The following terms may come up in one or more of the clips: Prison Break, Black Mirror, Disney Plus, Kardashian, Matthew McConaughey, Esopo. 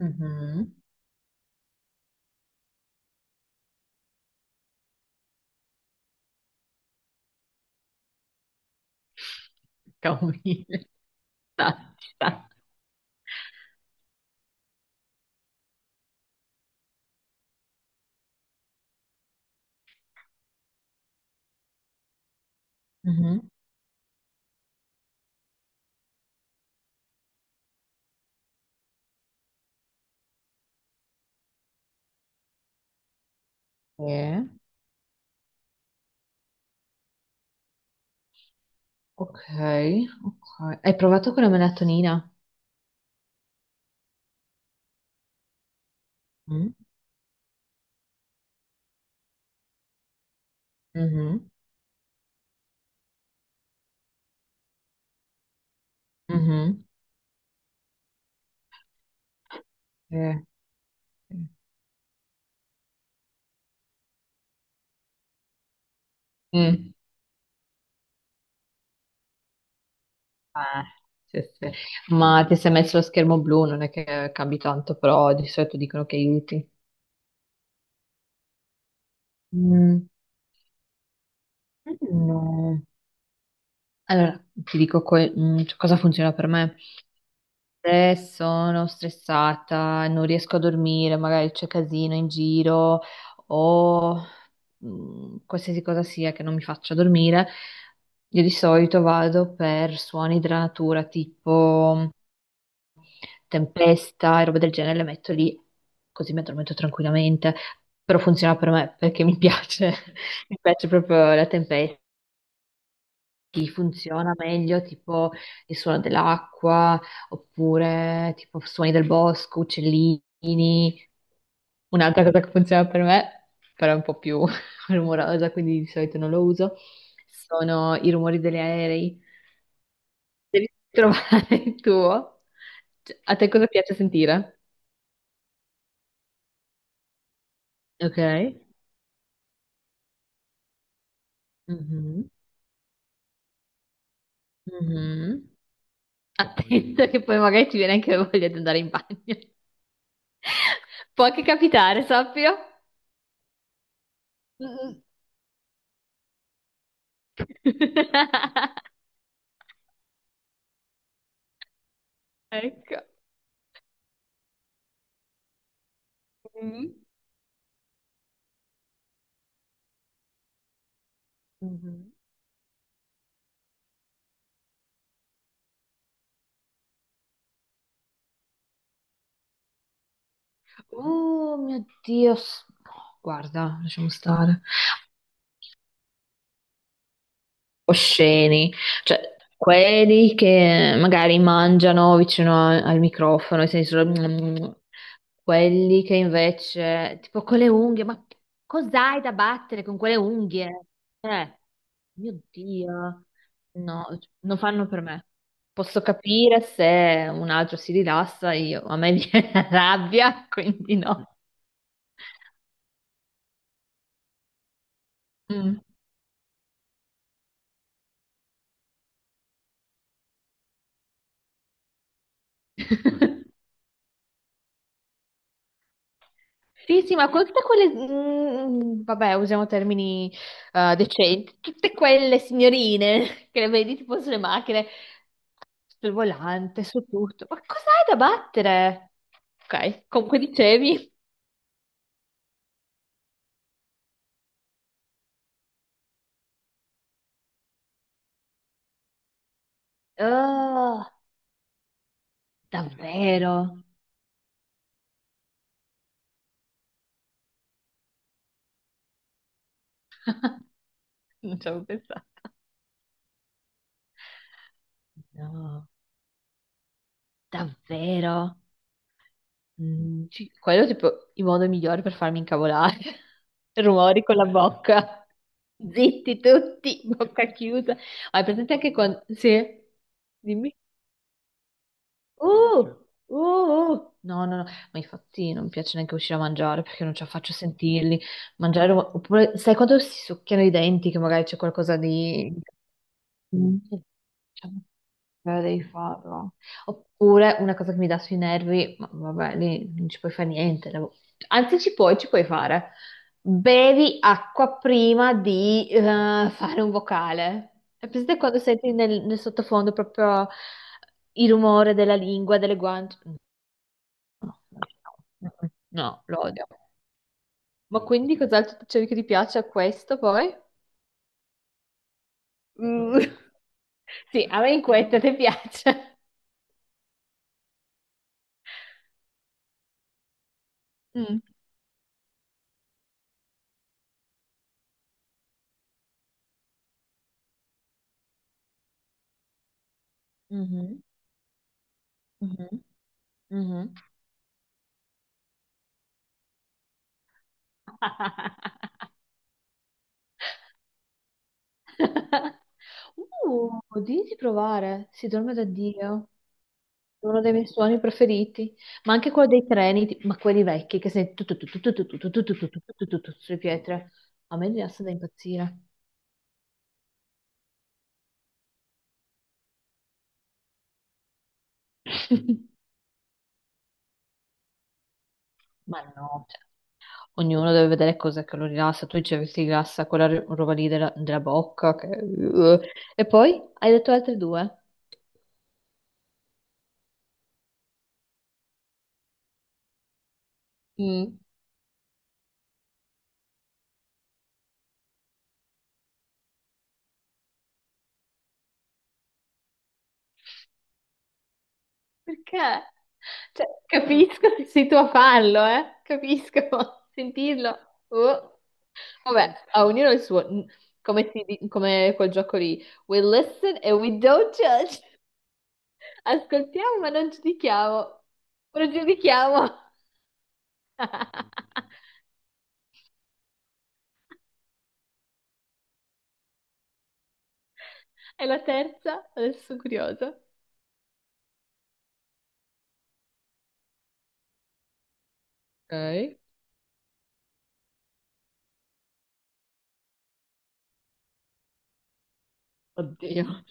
Mhm. Camomilla. Ci sta. Mhm. Sì. Ok, ok. Hai provato con la melatonina? Mm? Mhm. Mhm. Sì, sì. Mm. Ah, sì, sì. Ma ti sei messo lo schermo blu, non è che cambi tanto, però di solito dicono che aiuti. Mm. No. Allora, ti dico cioè, cosa funziona per me. Sono stressata, non riesco a dormire, magari c'è casino in giro o qualsiasi cosa sia che non mi faccia dormire. Io di solito vado per suoni della natura, tipo tempesta e roba del genere, le metto lì così mi addormento tranquillamente. Però funziona per me perché mi piace, mi piace proprio la tempesta chi funziona meglio, tipo il suono dell'acqua, oppure tipo suoni del bosco, uccellini. Un'altra cosa che funziona per me, però è un po' più rumorosa, quindi di solito non lo uso, sono i rumori degli aerei. Devi trovare il tuo. Cioè, a te cosa piace sentire? Ok. Mhm. Mhm. Attento che poi magari ti viene anche voglia di andare in bagno. Può anche capitare, sappio. Mm. Ecco. Mm. Mhm. Oh mio Dio, no, guarda, lasciamo stare. Osceni, cioè quelli che magari mangiano vicino al microfono, nel senso. Quelli che invece, tipo con le unghie, ma cos'hai da battere con quelle unghie? Eh, mio Dio, no, non fanno per me. Posso capire se un altro si rilassa, io, a me viene la rabbia, quindi no. Mm. Sì, sì, ma con tutte quelle, vabbè, usiamo termini decenti, tutte quelle signorine che le vedi tipo sulle macchine, sul volante, su tutto. Ma cos'hai da battere? Ok, comunque dicevi. Oh, davvero? Non ci avevo pensato. No, davvero? Mm, quello è tipo il modo migliore per farmi incavolare. Rumori con la bocca. Zitti tutti, bocca chiusa. Hai presente anche con... Sì, dimmi. Uh, No, no, no, ma infatti non mi piace neanche uscire a mangiare perché non ce la faccio a sentirli. Mangiare, oppure sai quando si succhiano i denti che magari c'è qualcosa di... Però devi farlo. Oppure una cosa che mi dà sui nervi, ma vabbè, lì non ci puoi fare niente. Anzi, ci puoi fare. Bevi acqua prima di fare un vocale. È presente quando senti nel sottofondo proprio il rumore della lingua, delle guance? No, no, no, no, lo odio. Ma quindi cos'altro cerchi che ti piace a questo poi? Mm. Sì, a me in questo ti piace. Mm. Mhm, mhm. Mhm. Di provare, si dorme da Dio, è uno dei miei suoni preferiti, ma anche quello dei treni, ma quelli vecchi che senti tutto tutto tutto tutto tutto tutto tutto tutto tutto, sulle pietre, a me rilassa da impazzire. Ma no, cioè, ognuno deve vedere cos'è che lo rilassa, tu dicevi che ti rilassa quella roba lì della bocca. E poi hai detto altre due. Mm. Perché? Cioè, capisco che sei tu a farlo, eh? Capisco, sentirlo. Oh. Vabbè, a ognuno il suo, come, come quel gioco lì. We listen and we don't judge. Ascoltiamo ma non giudichiamo. Non giudichiamo. E la terza? Adesso sono curiosa. Ok. Oddio.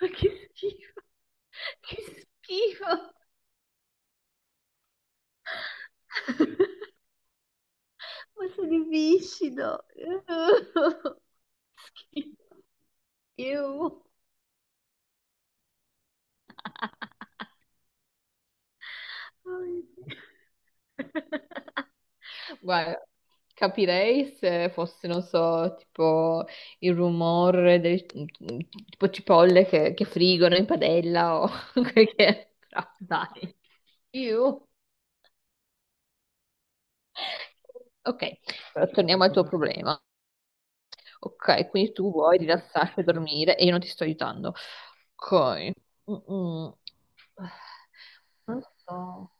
Ma che schifo. Che schifo. Ma sono viscido. Schifo. Ew. Oh mio Dio. Guarda, capirei se fosse, non so, tipo il rumore del tipo cipolle che frigono in padella o quel che... è. Però, dai. Ew. Ok, però torniamo al tuo problema. Ok, quindi tu vuoi rilassarti e dormire e io non ti sto aiutando. Ok. Mm-mm. Non so.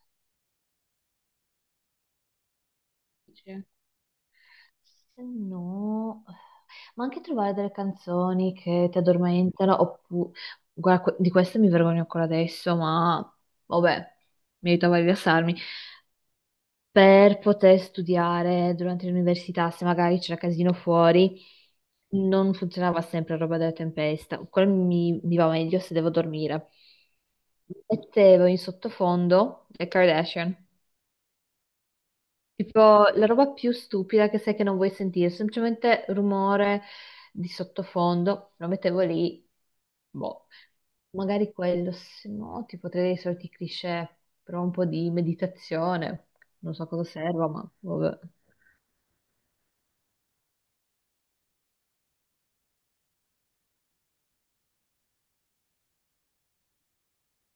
Dice, se no... Ma anche trovare delle canzoni che ti addormentano, oppure... Guarda, di queste mi vergogno ancora adesso, ma vabbè, mi aiutava a rilassarmi. Per poter studiare durante l'università, se magari c'era casino fuori, non funzionava sempre la roba della tempesta. Quello mi va meglio se devo dormire. Mettevo in sottofondo le Kardashian. Tipo la roba più stupida che sai che non vuoi sentire, semplicemente rumore di sottofondo, lo mettevo lì, boh. Magari quello, se no, tipo tra i soliti cliché, però un po' di meditazione, non so cosa serva, ma vabbè.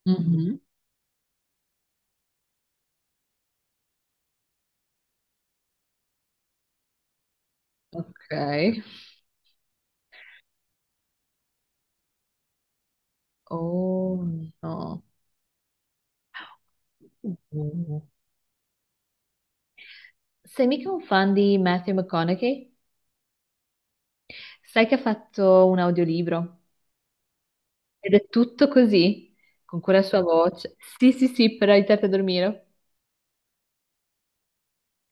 Mhm. Ok. Oh no. Mm. Sei mica un fan di Matthew McConaughey? Sai che ha fatto un audiolibro ed è tutto così, con quella sua voce. Sì, sì, sì, per aiutarti a dormire.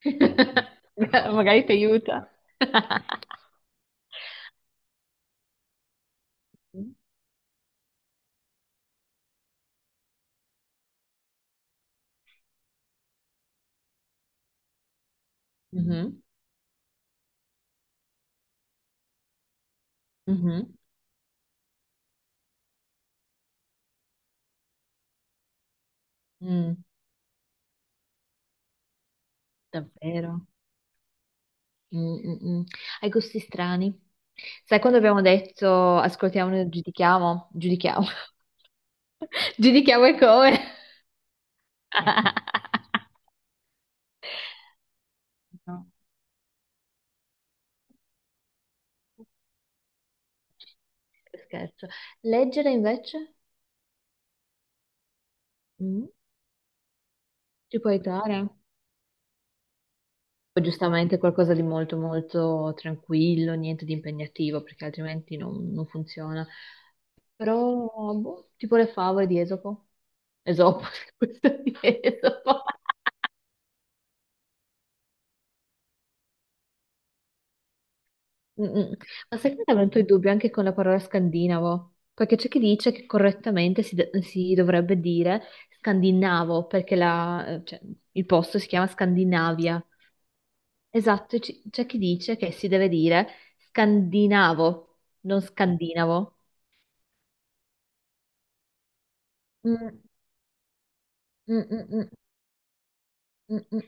Magari ti aiuta. Mhm, mhm, mm, davvero. Mm, mm, mm. Hai gusti strani. Sai quando abbiamo detto ascoltiamo e giudichiamo? Giudichiamo. Giudichiamo e come. No, scherzo. Leggere invece? Mm, ti può aiutare? O giustamente qualcosa di molto molto tranquillo, niente di impegnativo, perché altrimenti non funziona. Però, boh, tipo le favole di Esopo. Esopo, questo di Esopo. Mm-mm. Ma sai che mi avrei i dubbi anche con la parola scandinavo? Perché c'è chi dice che correttamente si dovrebbe dire scandinavo, perché cioè, il posto si chiama Scandinavia. Esatto, e c'è chi dice che si deve dire scandinavo, non scandinavo. Mm, mm, mm, mm, mm, mm.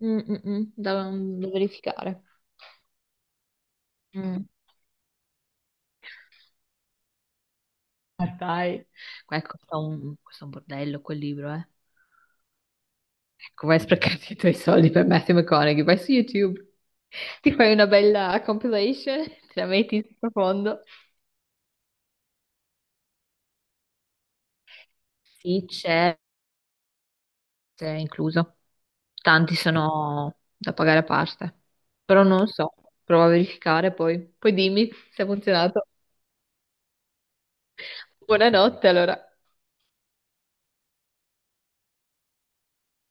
Mm, mm, mm. Da verificare. Mm. Ma dai, ma ecco, questo è un bordello quel libro, eh. Come hai sprecato i tuoi soldi per Matthew McConaughey, vai su YouTube, ti fai una bella compilation, te la metti in profondo. Sì, c'è incluso. Tanti sono da pagare a parte, però non so, provo a verificare poi. Poi dimmi se ha funzionato. Buonanotte allora.